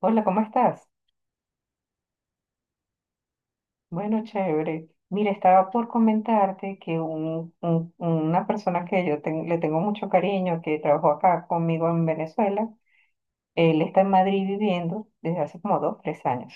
Hola, ¿cómo estás? Bueno, chévere. Mira, estaba por comentarte que una persona que yo le tengo mucho cariño, que trabajó acá conmigo en Venezuela, él está en Madrid viviendo desde hace como 2, 3 años.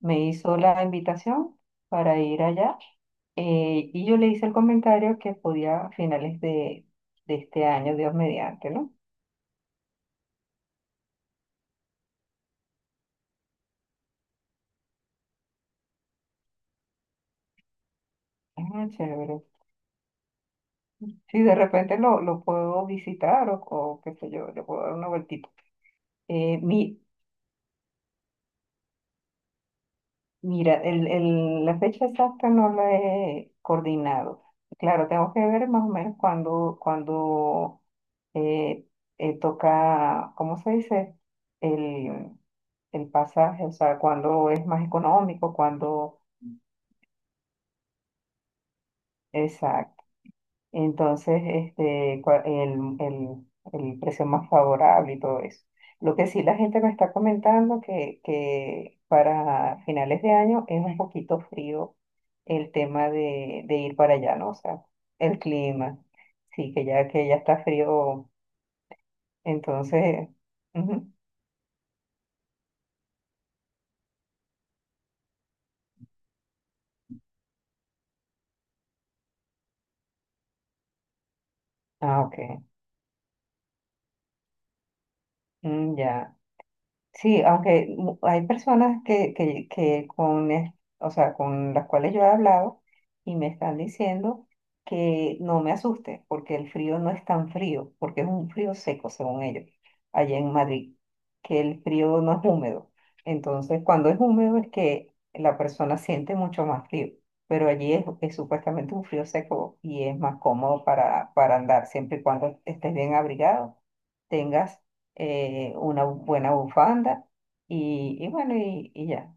Me hizo la invitación para ir allá y yo le hice el comentario que podía a finales de este año, Dios mediante, ¿no? Ah, chévere. Sí, de repente lo puedo visitar o qué sé yo, le puedo dar una vueltita. Eh, mi, Mira, la fecha exacta no la he coordinado. Claro, tengo que ver más o menos cuándo, eh, toca, ¿cómo se dice? El, el pasaje, o sea, cuándo es más económico, cuándo. Entonces, este, el precio más favorable y todo eso. Lo que sí la gente me está comentando que para finales de año es un poquito frío el tema de ir para allá, ¿no? O sea, el clima. Sí, que ya está frío, entonces. Ujú. Ah, ok. Mm, ya. Sí, hay personas que con, o sea, con las cuales yo he hablado y me están diciendo que no me asuste, porque el frío no es tan frío, porque es un frío seco, según ellos, allá en Madrid, que el frío no es húmedo. Entonces, cuando es húmedo es que la persona siente mucho más frío, pero allí es supuestamente un frío seco y es más cómodo para andar, siempre y cuando estés bien abrigado, tengas una buena bufanda y bueno, y ya,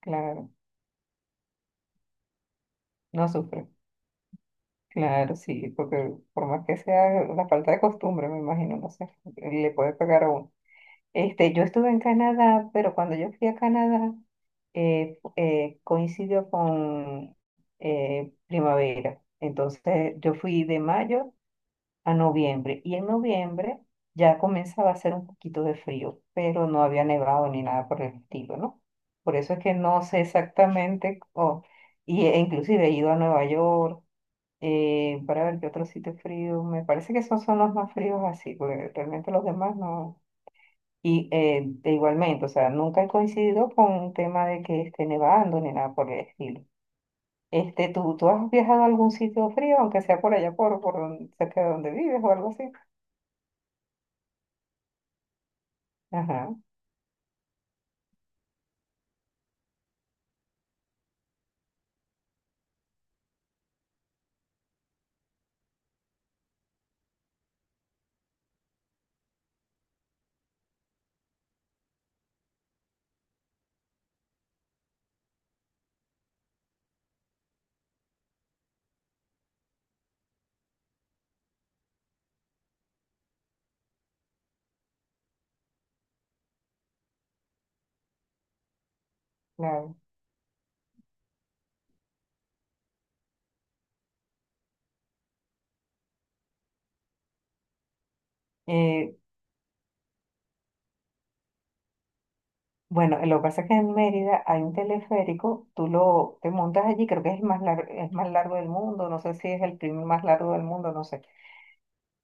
claro, no sufre, claro, sí, porque por más que sea la falta de costumbre, me imagino, no sé, le puede pegar a uno. Este, yo estuve en Canadá, pero cuando yo fui a Canadá, coincidió con primavera, entonces yo fui de mayo a noviembre. Y en noviembre ya comenzaba a hacer un poquito de frío, pero no había nevado ni nada por el estilo, ¿no? Por eso es que no sé exactamente, y e inclusive he ido a Nueva York para ver qué otro sitio es frío. Me parece que esos son los más fríos así, porque realmente los demás no. Y de igualmente, o sea, nunca he coincidido con un tema de que esté nevando ni nada por el estilo. Este, ¿tú has viajado a algún sitio frío, aunque sea por allá por cerca de donde vives o algo así? Ajá. Claro. Eh, bueno, lo que pasa es que en Mérida hay un teleférico, tú lo te montas allí, creo que es el más largo, es más largo del mundo, no sé si es el primer más largo del mundo, no sé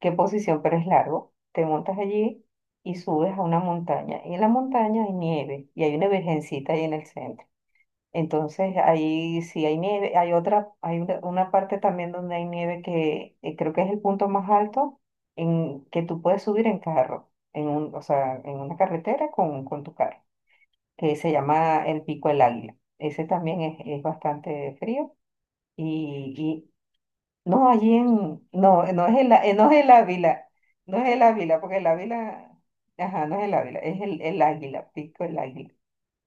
qué posición, pero es largo. Te montas allí y subes a una montaña. Y en la montaña hay nieve y hay una virgencita ahí en el centro. Entonces ahí sí hay nieve, hay otra, hay una parte también donde hay nieve que creo que es el punto más alto en que tú puedes subir en carro, o sea, en una carretera con tu carro. Se llama el Pico del Águila. Ese también es bastante frío. Y no, allí en, no, no es el, no es el Ávila, no es el Ávila, porque el Ávila, ajá, no es el Ávila, es el Águila, Pico del Águila.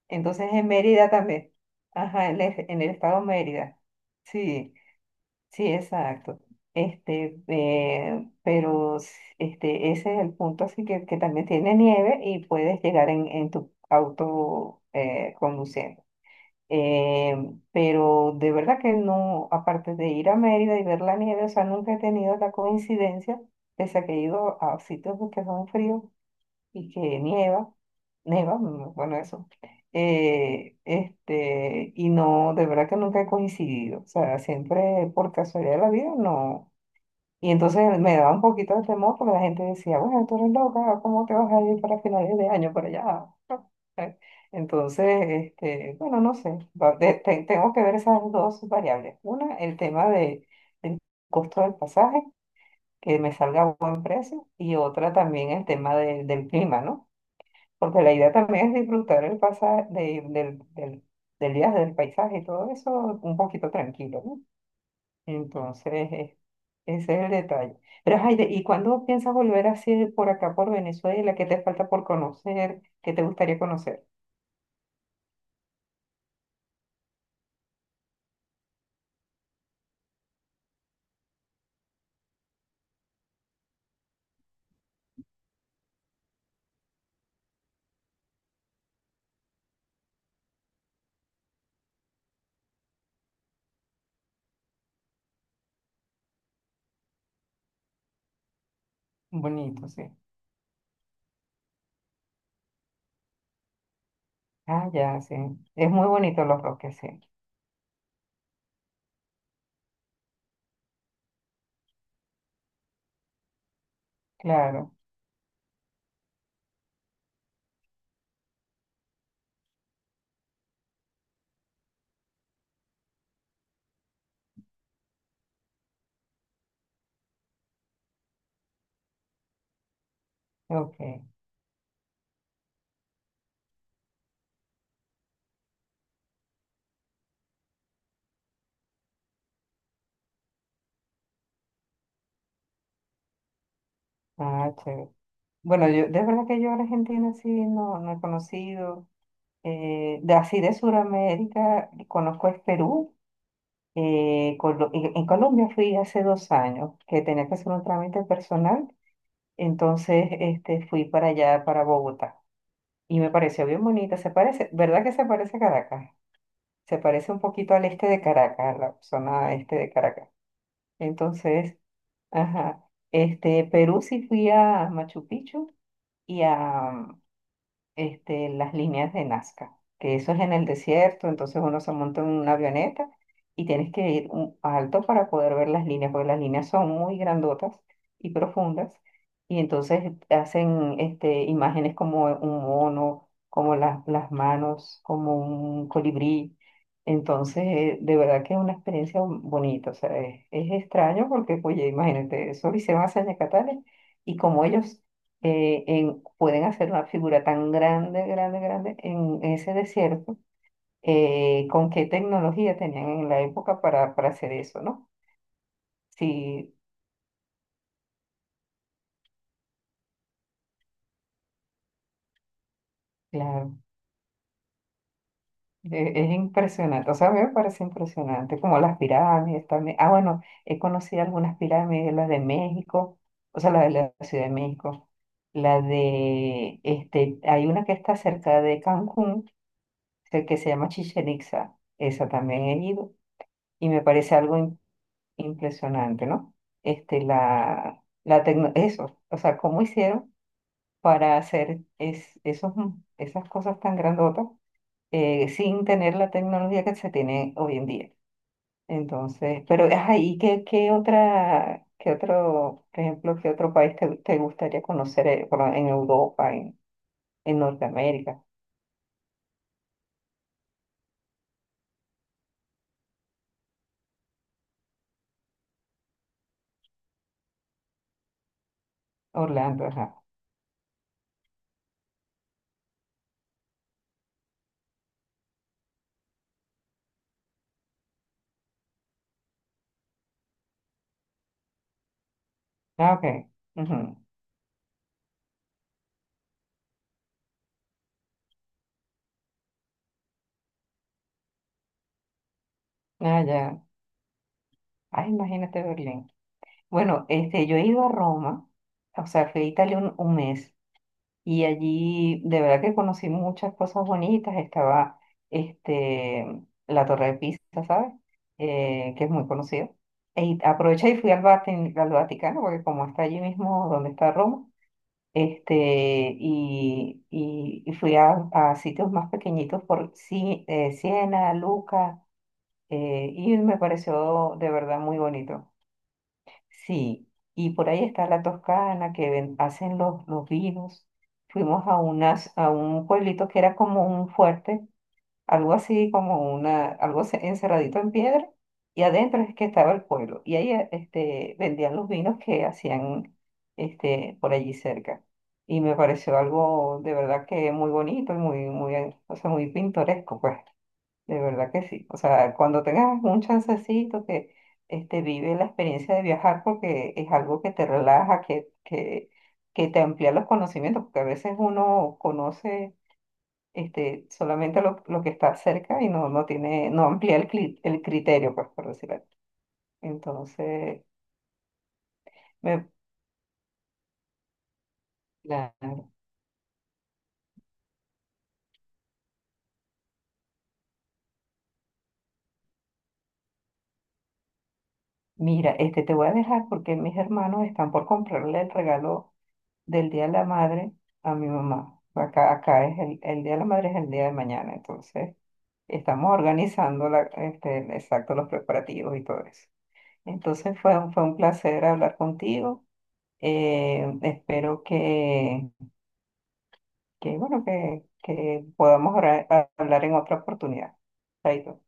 Entonces en Mérida también, ajá, en el estado Mérida. Sí, sí, exacto. Este, este, ese es el punto, así que también tiene nieve y puedes llegar en tu auto conduciendo. Eh, pero de verdad que no, aparte de ir a Mérida y ver la nieve, o sea, nunca he tenido la coincidencia, pese a que he ido a sitios que son fríos y que nieva, bueno, eso. Este, y no, de verdad que nunca he coincidido, o sea, siempre por casualidad de la vida, no. Y entonces me daba un poquito de temor porque la gente decía, bueno, tú eres loca, ¿cómo te vas a ir para finales de año para allá? No, ¿eh? Entonces, este, bueno, no sé, tengo que ver esas dos variables. Una, el tema del costo del pasaje, que me salga a buen precio, y otra también el tema del clima, ¿no? Porque la idea también es disfrutar el pasaje del, del día del paisaje y todo eso un poquito tranquilo, ¿no? Entonces, ese es el detalle. Pero, Jaide, ¿y cuándo piensas volver así por acá, por Venezuela? ¿Qué te falta por conocer? ¿Qué te gustaría conocer? Bonito, sí. Ah, ya, sí. Es muy bonito Los Roques, sí. Claro. Ok. Ah, chévere. Bueno, yo, de verdad que yo a Argentina sí no, no he conocido. Así de Sudamérica, conozco es Perú. En Colombia fui hace 2 años que tenía que hacer un trámite personal. Entonces, este, fui para allá, para Bogotá, y me pareció bien bonita. Se parece, ¿verdad que se parece a Caracas? Se parece un poquito al este de Caracas, a la zona este de Caracas. Entonces, ajá, este, Perú sí fui a Machu Picchu y a, este, las líneas de Nazca, que eso es en el desierto, entonces uno se monta en una avioneta y tienes que ir alto para poder ver las líneas, porque las líneas son muy grandotas y profundas, y entonces hacen este, imágenes como un mono, como las manos, como un colibrí. Entonces, de verdad que es una experiencia bonita, o sea, es extraño porque, oye, imagínate, eso lo hicieron hace años catalanes y como ellos pueden hacer una figura tan grande, grande, grande en ese desierto, con qué tecnología tenían en la época para hacer eso, ¿no? Sí, claro, es impresionante, o sea, a mí me parece impresionante, como las pirámides también. Ah, bueno, he conocido algunas pirámides, las de México, o sea, la de la Ciudad de México. La de, este, hay una que está cerca de Cancún, que se llama Chichen Itza. Esa también he ido y me parece algo impresionante, ¿no? Este, eso, o sea, ¿cómo hicieron para hacer esos, esas cosas tan grandotas sin tener la tecnología que se tiene hoy en día? Entonces, pero, ajá, ¿y qué, qué otro, por ejemplo, qué otro país te gustaría conocer en Europa, en Norteamérica? Orlando, ajá. Ah, ok. Ujú. Ah, ya. Ah, imagínate Berlín. Bueno, este, yo he ido a Roma, o sea, fui a Italia un mes y allí de verdad que conocí muchas cosas bonitas. Estaba este, la Torre de Pisa, ¿sabes? Que es muy conocida. Y aproveché y fui al, al Vaticano, porque como está allí mismo donde está Roma, este, y fui a sitios más pequeñitos por Siena, Lucca, y me pareció de verdad muy bonito. Sí, y por ahí está la Toscana que hacen los vinos. Fuimos a unas, a un pueblito que era como un fuerte, algo así como una, encerradito en piedra, y adentro es que estaba el pueblo. Y ahí este, vendían los vinos que hacían este, por allí cerca. Y me pareció algo de verdad que muy bonito y muy, muy, o sea, muy pintoresco, pues. De verdad que sí. O sea, cuando tengas un chancecito que este, vive la experiencia de viajar porque es algo que te relaja, que te amplía los conocimientos, porque a veces uno conoce este, solamente lo que está cerca y no, no tiene, no amplía el, el criterio, pues, por decirlo así. Entonces, me, claro. Mira, este, te voy a dejar porque mis hermanos están por comprarle el regalo del Día de la Madre a mi mamá. Acá, acá es el Día de la Madre es el día de mañana, entonces estamos organizando la, este, exacto los preparativos y todo eso. Entonces fue, fue un placer hablar contigo. Espero que, bueno, que podamos hablar en otra oportunidad. Chaito.